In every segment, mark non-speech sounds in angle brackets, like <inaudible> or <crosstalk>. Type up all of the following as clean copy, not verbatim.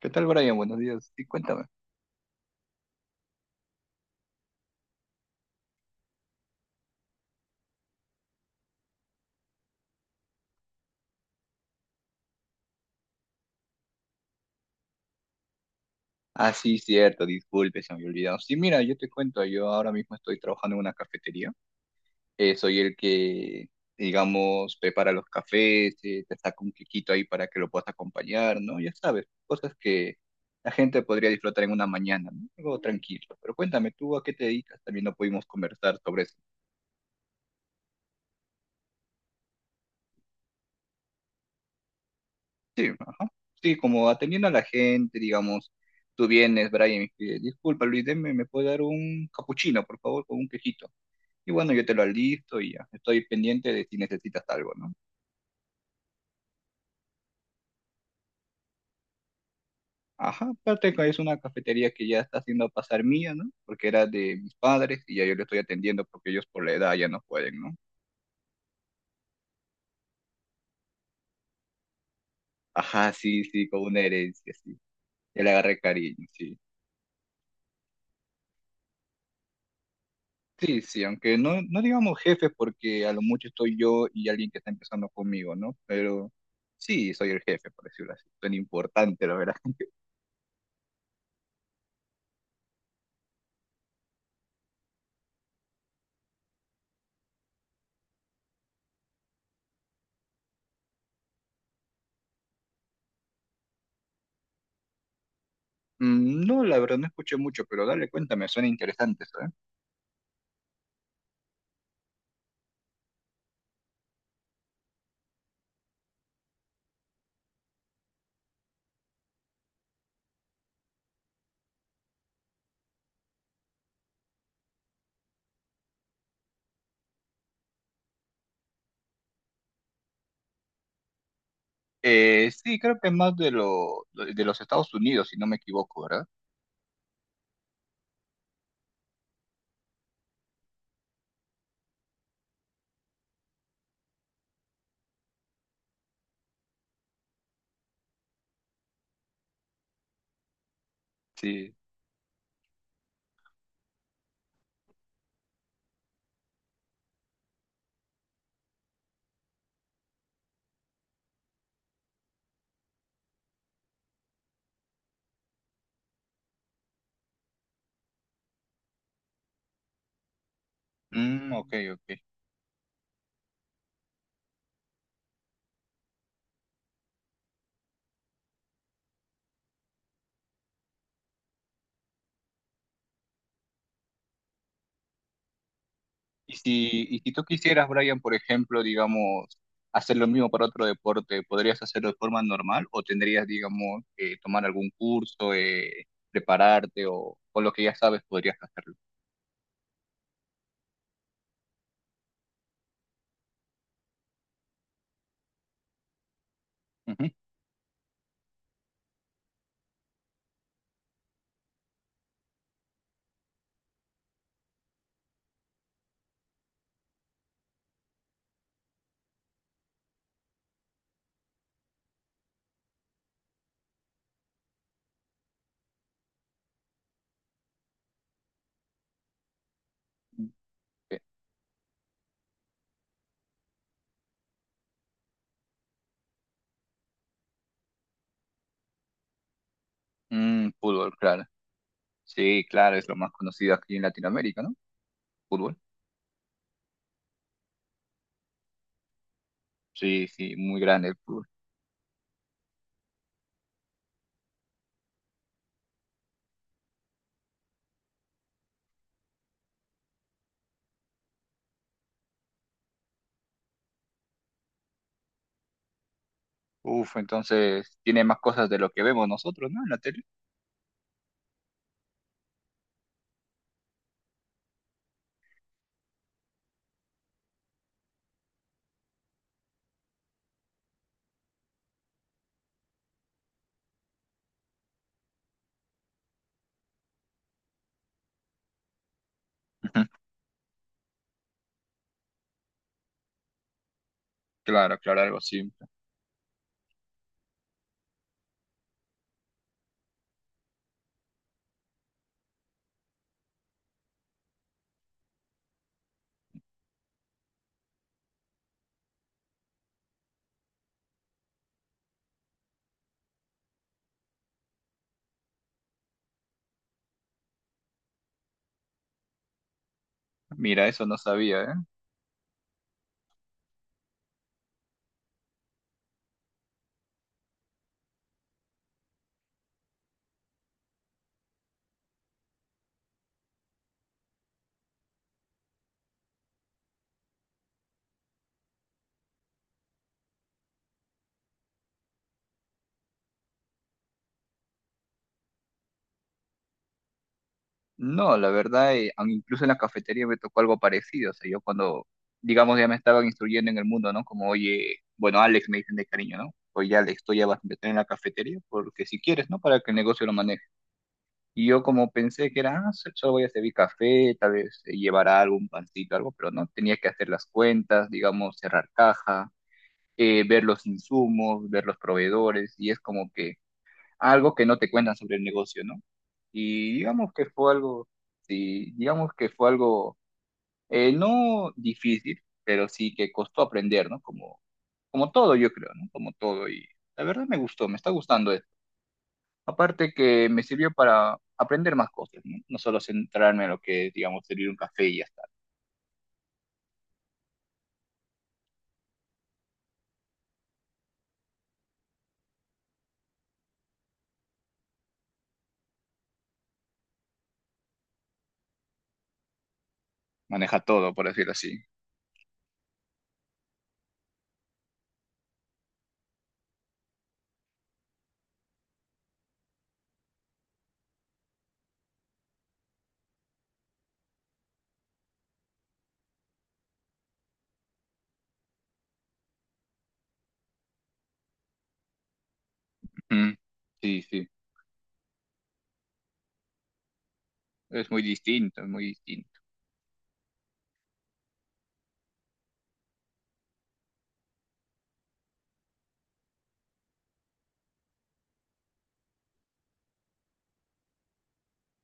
¿Qué tal, Brian? Buenos días. Sí, cuéntame. Ah, sí, cierto, disculpe, se me había olvidado. Sí, mira, yo te cuento, yo ahora mismo estoy trabajando en una cafetería. Soy el que, digamos, prepara los cafés, te saca un quequito ahí para que lo puedas acompañar, ¿no? Ya sabes, cosas que la gente podría disfrutar en una mañana, ¿no? Algo tranquilo. Pero cuéntame, ¿tú a qué te dedicas? También no pudimos conversar sobre eso. Sí, ajá. Sí, como atendiendo a la gente, digamos. Tú vienes, Brian, y me pides, disculpa, Luis, deme, ¿me puede dar un capuchino, por favor, con un quejito? Y bueno, yo te lo alisto y ya. Estoy pendiente de si necesitas algo, ¿no? Ajá, aparte que es una cafetería que ya está haciendo pasar mía, ¿no? Porque era de mis padres y ya yo le estoy atendiendo porque ellos por la edad ya no pueden, ¿no? Ajá, sí, sí, con una herencia, sí. Ya le agarré cariño, sí. Sí, sí, aunque no, no digamos jefes porque a lo mucho estoy yo y alguien que está empezando conmigo, ¿no? Pero sí, soy el jefe, por decirlo así. Suena importante, la verdad. <laughs> Mm, no, la verdad, no escuché mucho, pero dale, cuéntame, suena interesante eso, ¿eh? Sí, creo que es más de, lo, de los Estados Unidos, si no me equivoco, ¿verdad? Sí. Mm, ok, ok. Y si tú quisieras, Brian, por ejemplo, digamos, hacer lo mismo para otro deporte, ¿podrías hacerlo de forma normal o tendrías, digamos, que tomar algún curso, prepararte o con lo que ya sabes podrías hacerlo? Ujú. Ok. Mm, fútbol, claro. Sí, claro, es lo más conocido aquí en Latinoamérica, ¿no? Fútbol. Sí, sí, muy grande el fútbol. Uf, entonces tiene más cosas de lo que vemos nosotros, ¿no? En la tele. <laughs> Claro, claro, algo simple. Mira, eso no sabía, ¿eh? No, la verdad, incluso en la cafetería me tocó algo parecido. O sea, yo cuando, digamos, ya me estaban instruyendo en el mundo, ¿no? Como, oye, bueno, Alex me dicen de cariño, ¿no? Oye, Alex, tú ya vas a meter en la cafetería porque si quieres, ¿no? Para que el negocio lo maneje. Y yo como pensé que era, ah, solo voy a servir café, tal vez llevará algo, pancito, algo, pero no, tenía que hacer las cuentas, digamos, cerrar caja, ver los insumos, ver los proveedores, y es como que algo que no te cuentan sobre el negocio, ¿no? Y digamos que fue algo, sí, digamos que fue algo, no difícil, pero sí que costó aprender, ¿no? Como, como todo, yo creo, ¿no? Como todo, y la verdad me gustó, me está gustando esto. Aparte que me sirvió para aprender más cosas, ¿no? No solo centrarme en lo que es, digamos, servir un café y ya está. Maneja todo, por decirlo así. Ujú. Sí, sí. Es muy distinto, es muy distinto.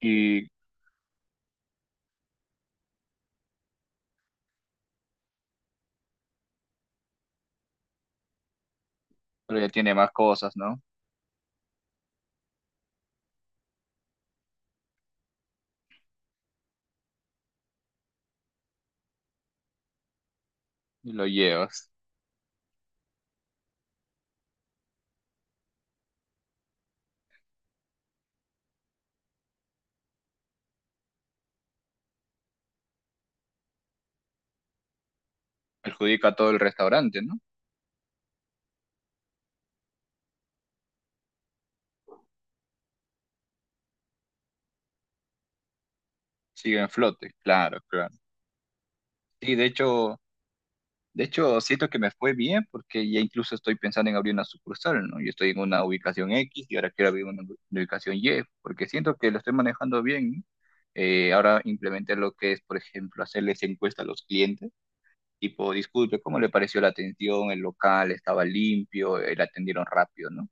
Y pero ya tiene más cosas, ¿no? Y lo llevas. Perjudica a todo el restaurante, ¿no? Sigue en flote, claro, claro. Sí, de hecho, siento que me fue bien porque ya incluso estoy pensando en abrir una sucursal, ¿no? Yo estoy en una ubicación X y ahora quiero abrir una ubicación Y, porque siento que lo estoy manejando bien, ¿no? Ahora implementé lo que es, por ejemplo, hacerles encuesta a los clientes, tipo, disculpe, ¿cómo le pareció la atención? El local estaba limpio, le atendieron rápido, ¿no?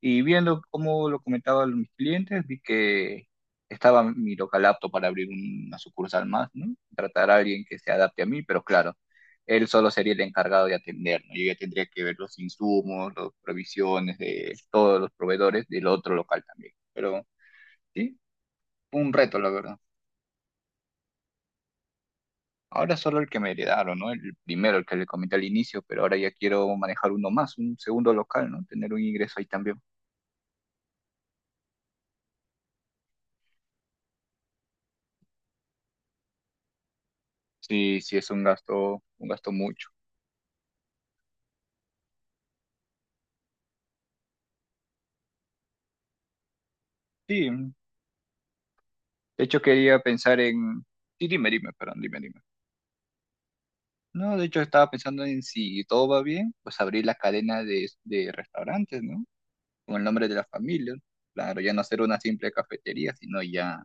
Y viendo cómo lo comentaban mis clientes, vi que estaba mi local apto para abrir una sucursal más, ¿no? Tratar a alguien que se adapte a mí, pero claro, él solo sería el encargado de atender, ¿no? Yo ya tendría que ver los insumos, las provisiones de todos los proveedores del otro local también. Pero sí, fue un reto, la verdad. Ahora solo el que me heredaron, ¿no? El primero, el que le comenté al inicio, pero ahora ya quiero manejar uno más, un segundo local, ¿no? Tener un ingreso ahí también. Sí, sí, es un gasto mucho. Sí, de hecho, quería pensar en... Sí, dime, dime, perdón, dime, dime. No, de hecho, estaba pensando en si todo va bien, pues abrir la cadena de restaurantes, ¿no? Con el nombre de la familia. Claro, ya no ser una simple cafetería, sino ya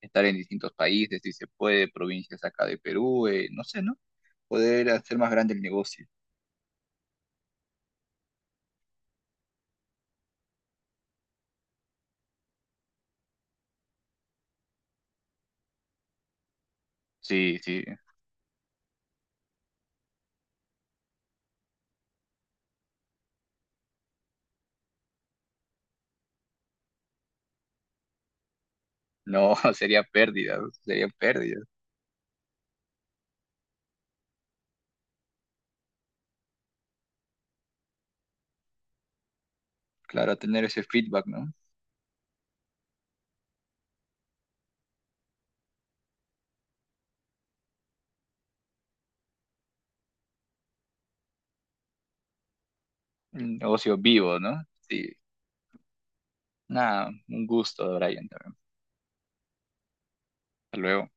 estar en distintos países, si se puede, provincias acá de Perú, no sé, ¿no? Poder hacer más grande el negocio. Sí, sí. No, <laughs> sería pérdida, sería pérdida. Claro, tener ese feedback, ¿no? Un negocio vivo, ¿no? Sí. Nada, un gusto, Brian, también. Hasta luego.